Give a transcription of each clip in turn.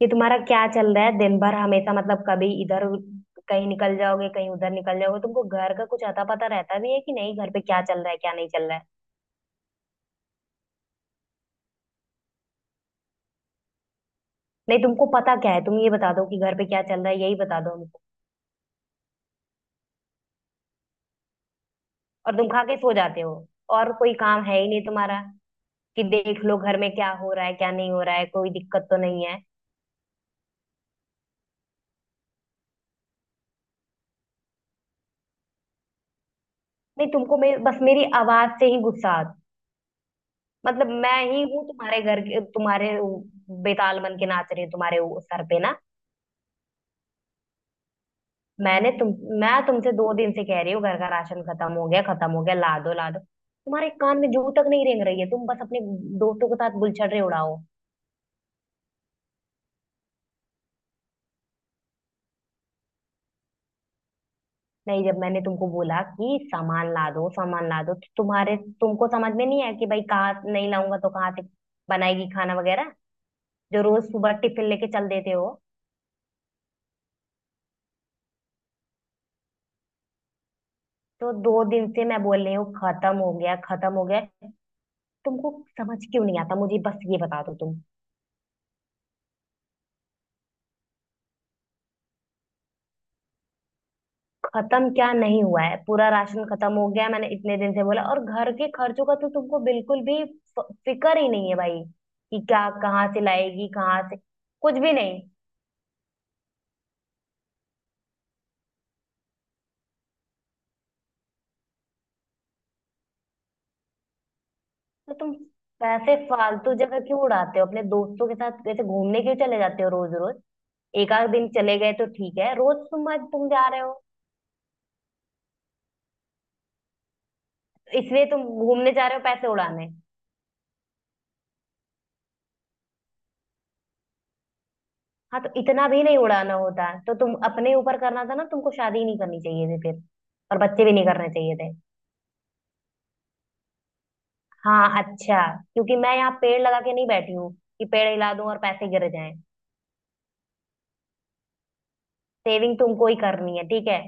कि तुम्हारा क्या चल रहा है दिन भर? हमेशा मतलब कभी इधर कहीं निकल जाओगे, कहीं उधर निकल जाओगे। तुमको घर का कुछ अता पता रहता भी है कि नहीं? घर पे क्या चल रहा है, क्या नहीं चल रहा है? नहीं, तुमको पता क्या है? तुम ये बता दो कि घर पे क्या चल रहा है, यही बता दो हमको। और तुम खा के सो जाते हो। और कोई काम है ही नहीं तुम्हारा कि देख लो घर में क्या हो रहा है, क्या नहीं हो रहा है, कोई दिक्कत तो नहीं है। नहीं, तुमको बस मेरी आवाज से ही गुस्सा। मतलब मैं ही हूँ तुम्हारे घर के, तुम्हारे बेताल बन के नाच रही हूँ तुम्हारे वो सर पे ना। मैंने तुम मैं तुमसे 2 दिन से कह रही हूँ घर का राशन खत्म हो गया, खत्म हो गया, ला दो ला दो, तुम्हारे कान में जू तक नहीं रेंग रही है। तुम बस अपने दोस्तों के साथ बुलछड़े उड़ाओ। नहीं, जब मैंने तुमको बोला कि सामान ला दो, सामान ला दो, तो तुम्हारे तुमको समझ में नहीं आया कि भाई कहाँ नहीं लाऊंगा तो कहाँ से बनाएगी खाना वगैरह जो रोज सुबह टिफिन लेके चल देते हो। तो 2 दिन से मैं बोल रही हूँ खत्म हो गया, खत्म हो गया। तुमको समझ क्यों नहीं आता? मुझे बस ये बता दो तुम। खत्म क्या नहीं हुआ है? पूरा राशन खत्म हो गया है। मैंने इतने दिन से बोला, और घर के खर्चों का तो तुमको बिल्कुल भी फिक्र ही नहीं है भाई कि क्या कहाँ से लाएगी, कहाँ से? कुछ भी नहीं। तो तुम पैसे फालतू जगह क्यों उड़ाते हो? अपने दोस्तों के साथ वैसे घूमने क्यों चले जाते हो रोज रोज? एक आध दिन चले गए तो ठीक है, रोज तुम आज तुम जा रहे हो। इसलिए तुम घूमने जा रहे हो पैसे उड़ाने? हाँ, तो इतना भी नहीं उड़ाना होता तो तुम अपने ऊपर करना था ना। तुमको शादी ही नहीं करनी चाहिए थी फिर, और बच्चे भी नहीं करने चाहिए थे। हाँ, अच्छा। क्योंकि मैं यहाँ पेड़ लगा के नहीं बैठी हूँ कि पेड़ हिला दूं और पैसे गिर जाएं। सेविंग तुमको ही करनी है, ठीक है?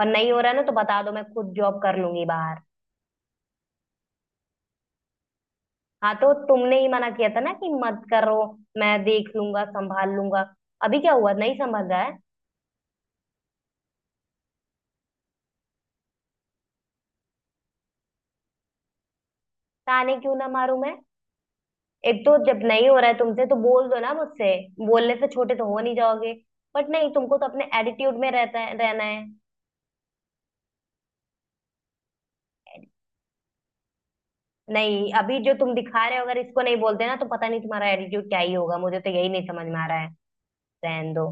और नहीं हो रहा ना तो बता दो, मैं खुद जॉब कर लूंगी बाहर। हाँ, तो तुमने ही मना किया था ना कि मत करो, मैं देख लूंगा संभाल लूंगा। अभी क्या हुआ, नहीं संभल रहा है? ताने क्यों ना मारूं मैं? एक तो जब नहीं हो रहा है तुमसे तो बोल दो ना मुझसे, बोलने से छोटे तो हो नहीं जाओगे। बट नहीं, तुमको तो अपने एटीट्यूड में रहता है, रहना है। नहीं, अभी जो तुम दिखा रहे हो अगर इसको नहीं बोलते ना तो पता नहीं तुम्हारा एटीट्यूड क्या ही होगा, मुझे तो यही नहीं समझ में आ रहा है। रहन दो।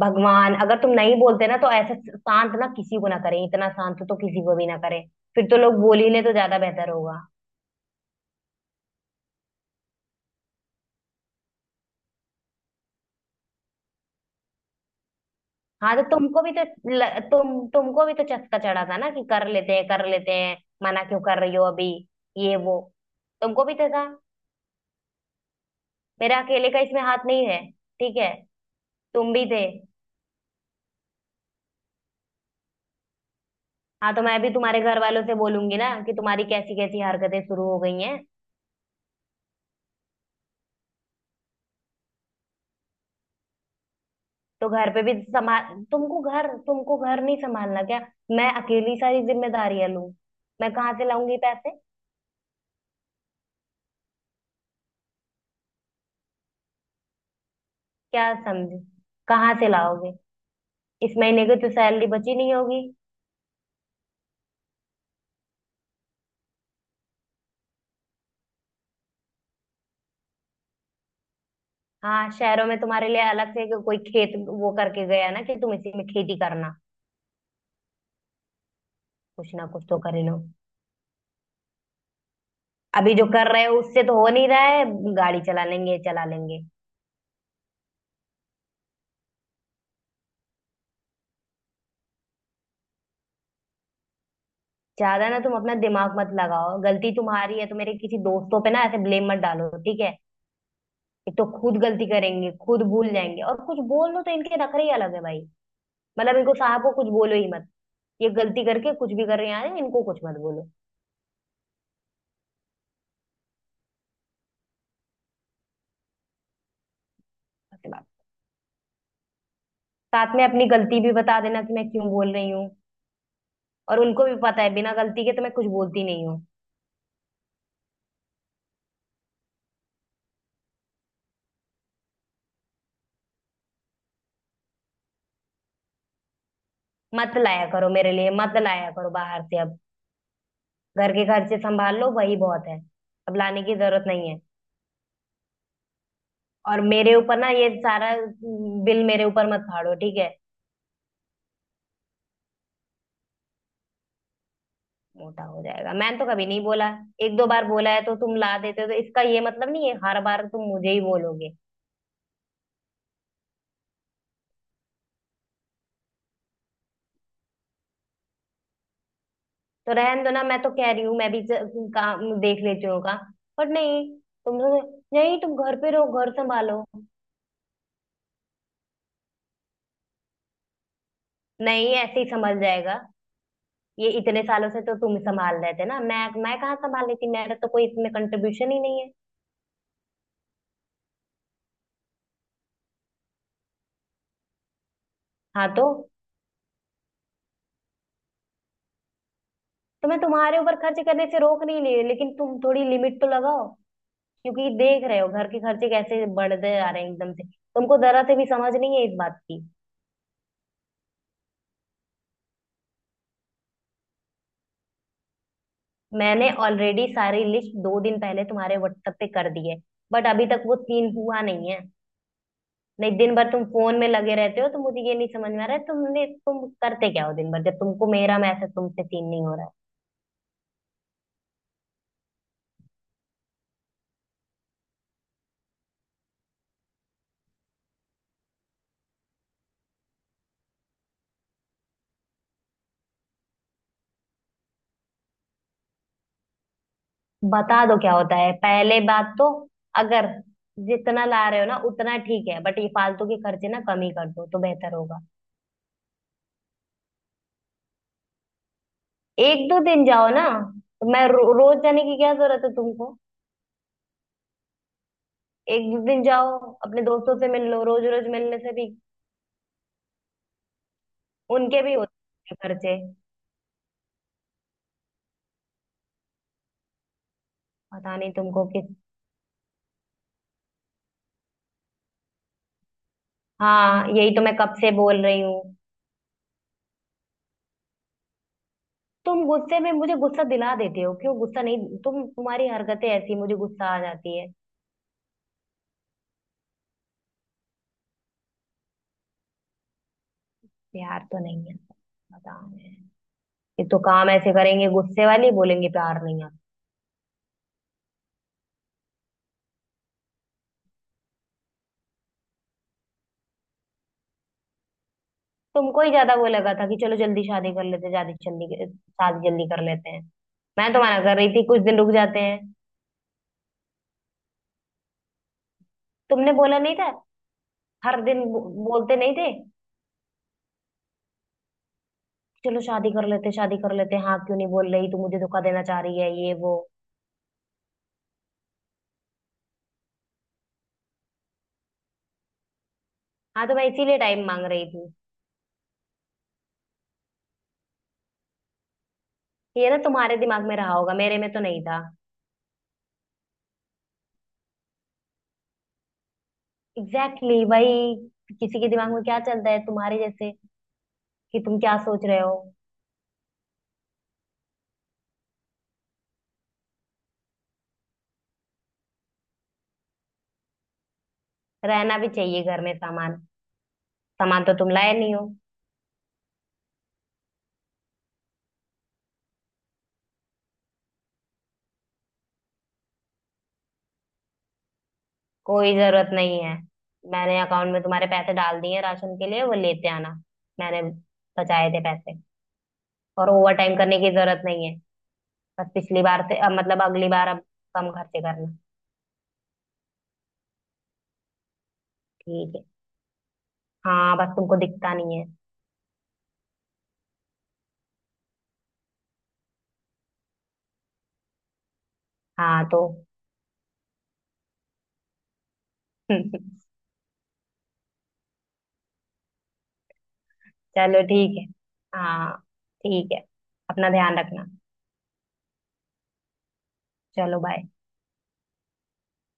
भगवान अगर तुम नहीं बोलते ना तो ऐसे शांत ना किसी को ना करें, इतना शांत तो किसी को भी ना करें। फिर तो लोग बोल ही ले तो ज्यादा बेहतर होगा। हाँ, तो तुमको भी तो तुमको भी तो चस्का चढ़ा था ना कि कर लेते हैं, कर लेते हैं, मना क्यों कर रही हो अभी, ये वो, तुमको भी तो था। मेरा अकेले का इसमें हाथ नहीं है, ठीक है? तुम भी थे। हाँ, तो मैं भी तुम्हारे घर वालों से बोलूंगी ना कि तुम्हारी कैसी कैसी हरकतें शुरू हो गई हैं। तो घर पे भी संभाल, तुमको घर नहीं संभालना क्या? मैं अकेली सारी जिम्मेदारियां लूं? मैं कहाँ से लाऊंगी पैसे? क्या समझे? कहाँ से लाओगे? इस महीने की तो सैलरी बची नहीं होगी। हाँ, शहरों में तुम्हारे लिए अलग से कोई खेत वो करके गया ना कि तुम इसी में खेती करना। कुछ ना कुछ तो कर ही लो। अभी जो कर रहे हो उससे तो हो नहीं रहा है। गाड़ी चला लेंगे, चला लेंगे। ज्यादा ना तुम अपना दिमाग मत लगाओ, गलती तुम्हारी है तो मेरे किसी दोस्तों पे ना ऐसे ब्लेम मत डालो, ठीक है? एक तो खुद गलती करेंगे, खुद भूल जाएंगे और कुछ बोल लो तो इनके नखरे ही अलग है भाई। मतलब इनको साहब को कुछ बोलो ही मत, ये गलती करके कुछ भी कर रहे हैं, इनको कुछ मत बोलो। ऐसे बात, साथ में अपनी गलती भी बता देना कि मैं क्यों बोल रही हूँ। और उनको भी पता है बिना गलती के तो मैं कुछ बोलती नहीं हूँ। मत लाया करो, मेरे लिए मत लाया करो बाहर से अब। घर के खर्चे संभाल लो, वही बहुत है। अब लाने की जरूरत नहीं है। और मेरे ऊपर ना ये सारा बिल मेरे ऊपर मत फाड़ो, ठीक है? मोटा हो जाएगा मैंने तो कभी नहीं बोला। एक दो बार बोला है तो तुम ला देते हो, तो इसका ये मतलब नहीं है हर बार तुम मुझे ही बोलोगे। तो रहन दो ना, मैं तो कह रही हूँ मैं भी काम देख लेती हूँ काम। पर नहीं, तुम लोग- नहीं तुम घर पे रहो घर संभालो। नहीं, ऐसे ही संभल जाएगा। ये इतने सालों से तो तुम संभाल रहे थे ना, मैं कहाँ संभाल लेती? मेरा तो कोई इसमें कंट्रीब्यूशन ही नहीं है। हाँ, तो मैं तुम्हारे ऊपर खर्च करने से रोक नहीं रही, लेकिन तुम थोड़ी लिमिट तो लगाओ। क्योंकि देख रहे हो घर के खर्चे कैसे बढ़ते जा रहे हैं एकदम से, तुमको जरा से भी समझ नहीं है इस बात की। मैंने ऑलरेडी सारी लिस्ट 2 दिन पहले तुम्हारे व्हाट्सएप पे कर दी है, बट अभी तक वो सीन हुआ नहीं है। नहीं, दिन भर तुम फोन में लगे रहते हो तो मुझे ये नहीं समझ में आ रहा है, तुम करते क्या हो दिन भर जब तुमको मेरा मैसेज तुमसे सीन नहीं हो रहा है? बता दो क्या होता है पहले बात तो। अगर जितना ला रहे हो ना उतना ठीक है, बट ये फालतू के खर्चे ना कम ही कर दो तो बेहतर होगा। एक दो दिन जाओ ना, तो मैं रोज जाने की क्या जरूरत है तुमको? एक दो दिन जाओ, अपने दोस्तों से मिल लो, रोज रोज मिलने से भी उनके भी होते हैं खर्चे। पता नहीं तुमको किस। हाँ, यही तो मैं कब से बोल रही हूँ। तुम गुस्से में मुझे गुस्सा दिला देते हो क्यों? गुस्सा नहीं, तुम्हारी हरकतें ऐसी मुझे गुस्सा आ जाती है। प्यार तो नहीं आता, पता नहीं। ये तो काम ऐसे करेंगे, गुस्से वाली बोलेंगे, प्यार नहीं आता। तुमको ही ज्यादा वो लगा था कि चलो जल्दी शादी कर लेते, शादी जल्दी, शादी जल्दी कर लेते हैं। मैं तो मना कर रही थी कुछ दिन रुक जाते हैं। तुमने बोला नहीं था? हर दिन बोलते नहीं थे? चलो शादी कर लेते, शादी कर लेते, हाँ क्यों नहीं बोल रही, तू मुझे धोखा देना चाह रही है, ये वो। हाँ, तो मैं इसीलिए टाइम मांग रही थी। ये ना तुम्हारे दिमाग में रहा होगा, मेरे में तो नहीं था। एग्जैक्टली exactly, भाई किसी के दिमाग में क्या चलता है तुम्हारे जैसे कि तुम क्या सोच रहे हो? रहना भी चाहिए घर में सामान, सामान तो तुम लाए नहीं हो। कोई जरूरत नहीं है, मैंने अकाउंट में तुम्हारे पैसे डाल दिए हैं राशन के लिए, वो लेते आना। मैंने बचाए थे पैसे। और ओवर टाइम करने की जरूरत नहीं है, बस पिछली बार से अब मतलब अगली बार अब कम खर्चे करना। ठीक है। हाँ, बस तुमको दिखता नहीं है। हाँ तो चलो, ठीक है। हाँ, ठीक है, अपना ध्यान रखना। चलो बाय।